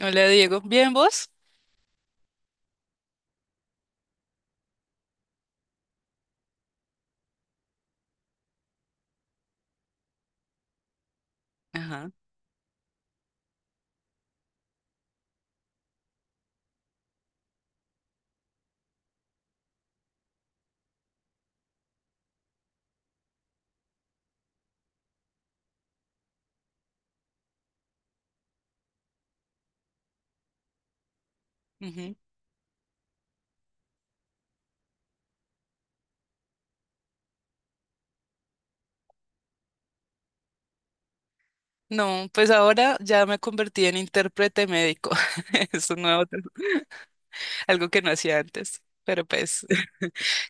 Hola Diego, ¿bien vos? Ajá. Ujú. No, pues ahora ya me convertí en intérprete médico. Es un nuevo, algo que no hacía antes. Pero pues,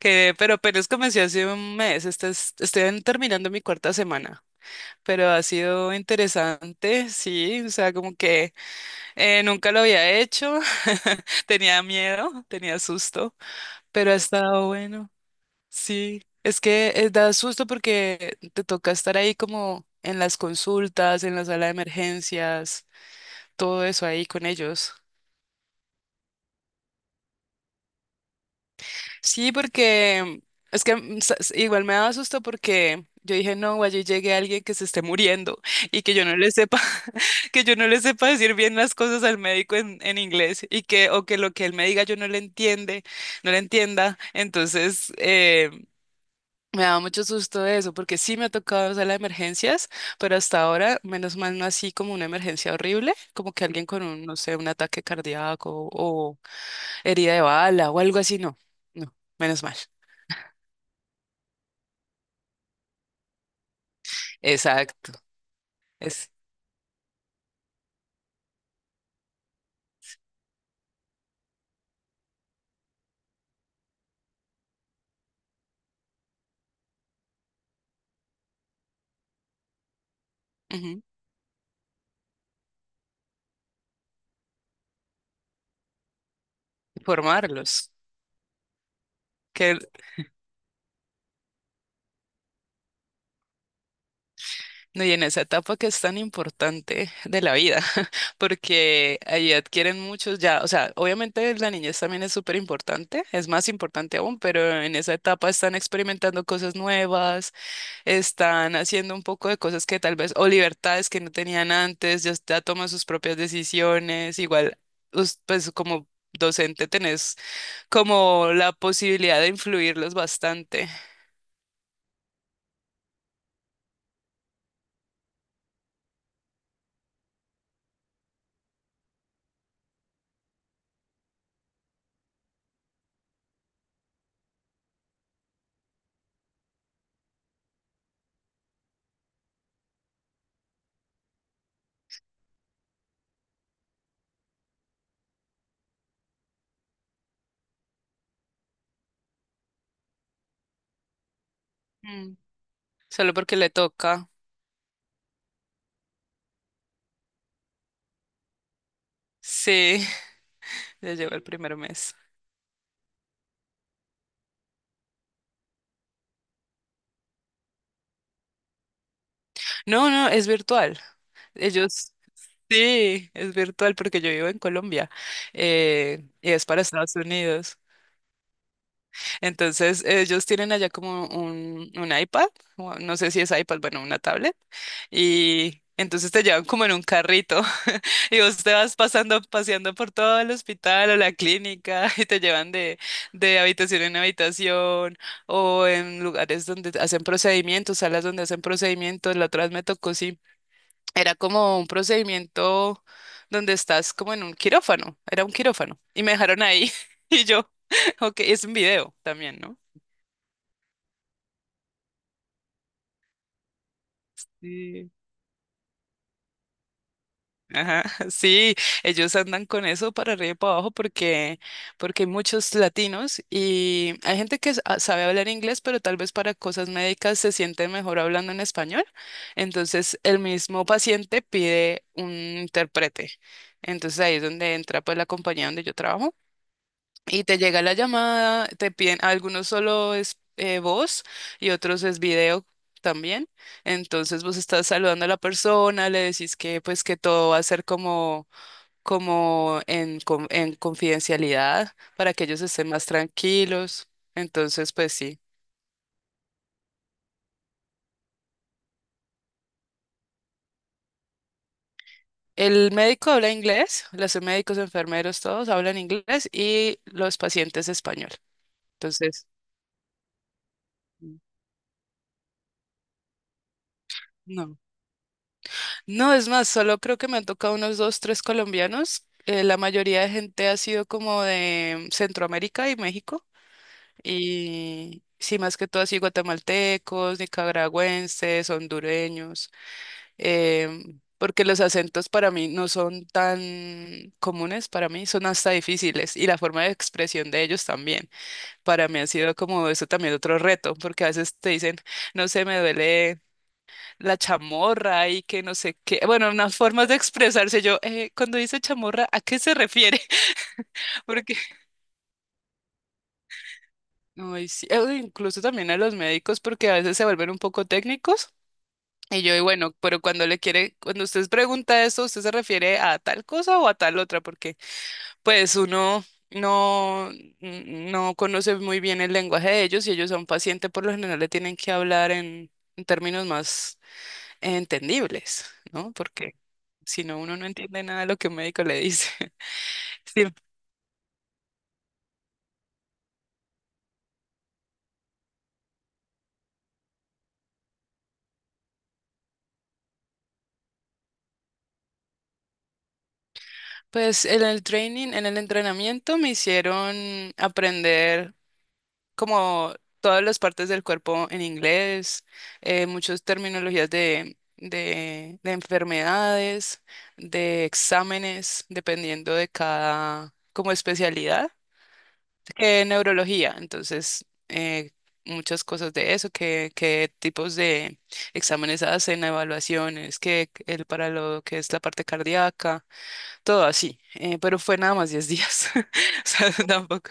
pero apenas comencé hace un mes. Estoy terminando mi cuarta semana. Pero ha sido interesante, sí. O sea, como que nunca lo había hecho. Tenía miedo, tenía susto, pero ha estado bueno. Sí, es que da susto porque te toca estar ahí como en las consultas, en la sala de emergencias, todo eso ahí con ellos. Sí, porque es que igual me daba susto porque yo dije, no, allí llegue alguien que se esté muriendo y que yo no le sepa, que yo no le sepa decir bien las cosas al médico en inglés y que, o que lo que él me diga yo no le entiende, no le entienda. Entonces, me da mucho susto eso, porque sí me ha tocado sala las emergencias, pero hasta ahora, menos mal, no así como una emergencia horrible, como que alguien con un, no sé, un ataque cardíaco o herida de bala o algo así, no. No, menos mal. Exacto. Es Ujú, formarlos. Que, no, y en esa etapa que es tan importante de la vida, porque ahí adquieren muchos ya, o sea, obviamente la niñez también es súper importante, es más importante aún, pero en esa etapa están experimentando cosas nuevas, están haciendo un poco de cosas que tal vez, o libertades que no tenían antes, ya, ya toman sus propias decisiones, igual, pues como docente tenés como la posibilidad de influirlos bastante. Mm. Solo porque le toca. Sí, ya llegó el primer mes. No, no, es virtual. Ellos, sí, es virtual porque yo vivo en Colombia, y es para Estados Unidos. Entonces, ellos tienen allá como un iPad, o no sé si es iPad, bueno, una tablet, y entonces te llevan como en un carrito y vos te vas pasando, paseando por todo el hospital o la clínica y te llevan de, habitación en habitación, o en lugares donde hacen procedimientos, salas donde hacen procedimientos. La otra vez me tocó, sí, era como un procedimiento donde estás como en un quirófano, era un quirófano, y me dejaron ahí y yo, ok, es un video también, ¿no? Sí, ajá, sí, ellos andan con eso para arriba y para abajo porque hay muchos latinos y hay gente que sabe hablar inglés, pero tal vez para cosas médicas se siente mejor hablando en español. Entonces, el mismo paciente pide un intérprete. Entonces, ahí es donde entra pues la compañía donde yo trabajo. Y te llega la llamada, te piden, algunos solo es voz y otros es video también. Entonces vos estás saludando a la persona, le decís que pues que todo va a ser como en confidencialidad, para que ellos estén más tranquilos. Entonces, pues sí. El médico habla inglés, los médicos, enfermeros, todos hablan inglés y los pacientes español. Entonces, mm, no. No, es más, solo creo que me han tocado unos dos, tres colombianos. La mayoría de gente ha sido como de Centroamérica y México. Y sí, más que todo así guatemaltecos, nicaragüenses, hondureños. Porque los acentos para mí no son tan comunes, para mí son hasta difíciles. Y la forma de expresión de ellos también. Para mí ha sido como eso también otro reto, porque a veces te dicen, no sé, me duele la chamorra y que no sé qué. Bueno, unas formas de expresarse. Cuando dice chamorra, ¿a qué se refiere? Porque, ay, sí, incluso también a los médicos, porque a veces se vuelven un poco técnicos. Y yo, y bueno, pero cuando le quiere, cuando usted pregunta eso, ¿usted se refiere a tal cosa o a tal otra? Porque, pues, uno no, no conoce muy bien el lenguaje de ellos, y ellos a un paciente por lo general le tienen que hablar en términos más entendibles, ¿no? Porque si no, uno no entiende nada de lo que un médico le dice. Sí. Pues en el training, en el entrenamiento me hicieron aprender como todas las partes del cuerpo en inglés, muchas terminologías de, enfermedades, de exámenes, dependiendo de cada como especialidad. Neurología, entonces muchas cosas de eso, qué tipos de exámenes hacen, evaluaciones, qué el para lo que es la parte cardíaca, todo así, pero fue nada más 10 días, o sea, tampoco.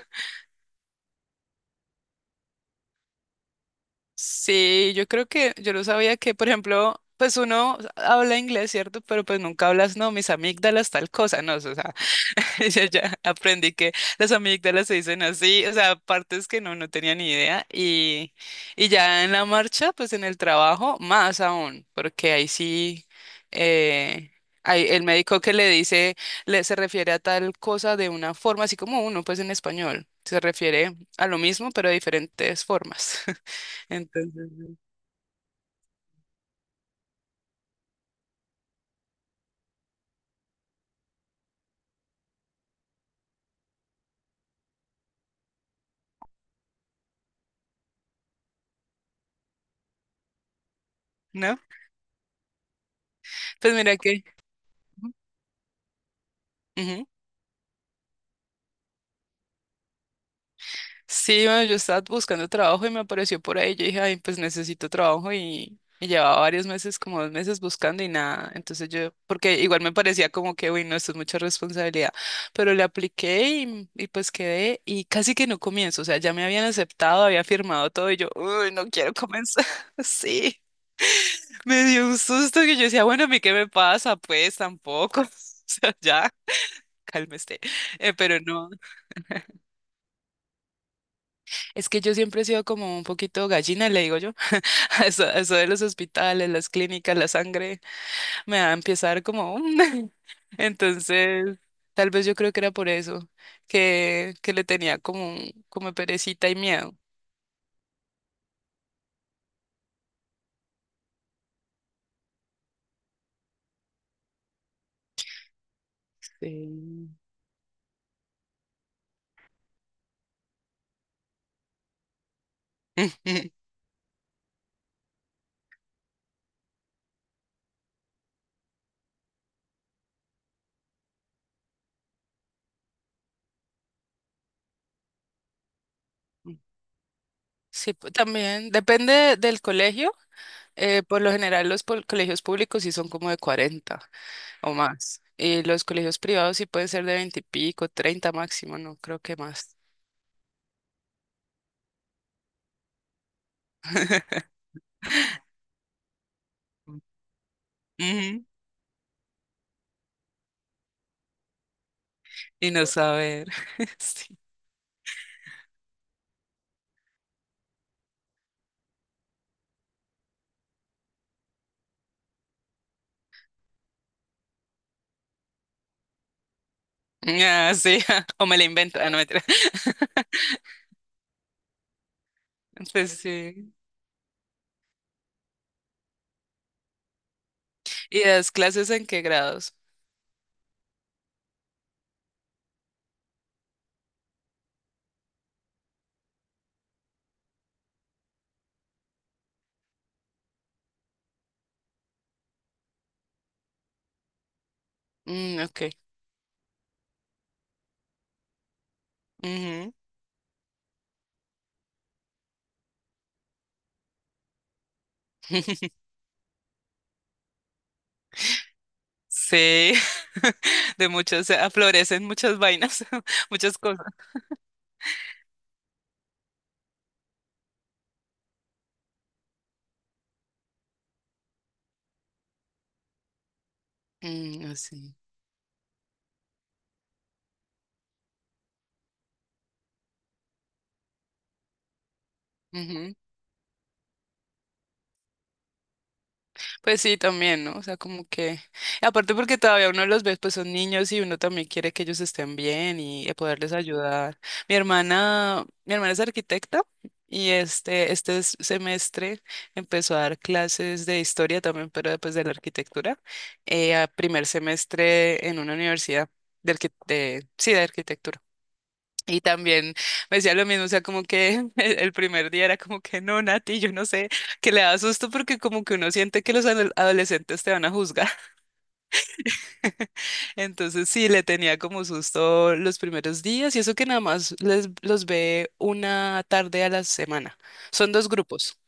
Sí, yo creo que yo no sabía que, por ejemplo, pues uno habla inglés, ¿cierto? Pero pues nunca hablas, no, mis amígdalas, tal cosa, no, o sea, ya, ya aprendí que las amígdalas se dicen así, o sea, partes que no, no tenía ni idea. Y ya en la marcha, pues en el trabajo, más aún, porque ahí sí, eh, hay el médico que le dice, le, se refiere a tal cosa de una forma, así como uno, pues en español, se refiere a lo mismo, pero de diferentes formas. Entonces, ¿no? Pues mira que... Ujú. Sí, bueno, yo estaba buscando trabajo y me apareció por ahí. Yo dije, ay, pues necesito trabajo, y llevaba varios meses, como 2 meses buscando y nada. Entonces yo, porque igual me parecía como que, uy, no, esto es mucha responsabilidad, pero le apliqué y pues quedé y casi que no comienzo. O sea, ya me habían aceptado, había firmado todo y yo, uy, no quiero comenzar. Sí, me dio un susto que yo decía, bueno, ¿a mí qué me pasa? Pues tampoco. O sea, ya, cálmese. Pero no. Es que yo siempre he sido como un poquito gallina, le digo yo. A eso de los hospitales, las clínicas, la sangre, me va a empezar como... Entonces, tal vez yo creo que era por eso, que le tenía como, perecita y miedo. Sí. Sí, también depende del colegio. Por lo general, los colegios públicos sí son como de 40 o más. Y los colegios privados sí pueden ser de 20 y pico, 30 máximo, no creo que más. Ujú. Y no saber. Sí. Ah, sí. O me la invento. Ah, no, mentira. Pues sí. ¿Y das clases en qué grados? Mm, ok. Ujú. Sí. De muchas, aflorecen muchas vainas, muchas cosas. Mm, así. Pues sí, también, ¿no? O sea, como que, aparte porque todavía uno los ve, pues son niños y uno también quiere que ellos estén bien y poderles ayudar. Mi hermana es arquitecta, y este semestre empezó a dar clases de historia también, pero pues de la arquitectura, a primer semestre en una universidad de arquitectura. Y también me decía lo mismo, o sea, como que el primer día era como que no, Nati, yo no sé, que le da susto porque como que uno siente que los adolescentes te van a juzgar. Entonces sí, le tenía como susto los primeros días, y eso que nada más les, los ve una tarde a la semana. Son dos grupos,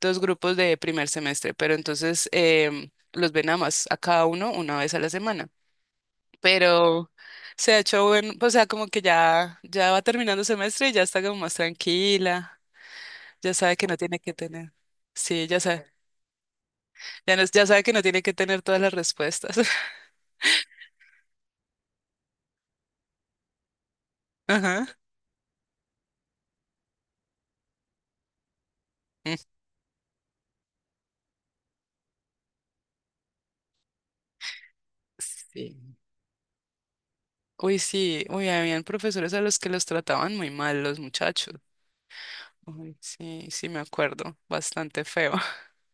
dos grupos de primer semestre, pero entonces los ve nada más a cada uno una vez a la semana. Pero se ha hecho bueno, o sea, como que ya, ya va terminando semestre y ya está como más tranquila. Ya sabe que no tiene que tener. Sí, ya sabe. Ya, ya sabe que no tiene que tener todas las respuestas. Ajá. Mm, sí. Uy, sí. Uy, habían profesores a los que los trataban muy mal los muchachos. Uy, sí, sí, me acuerdo. Bastante feo.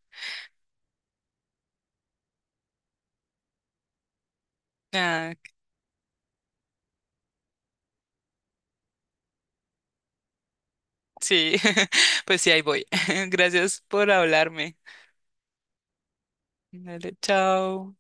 Ah, sí. Pues sí, ahí voy. Gracias por hablarme. Dale, chao.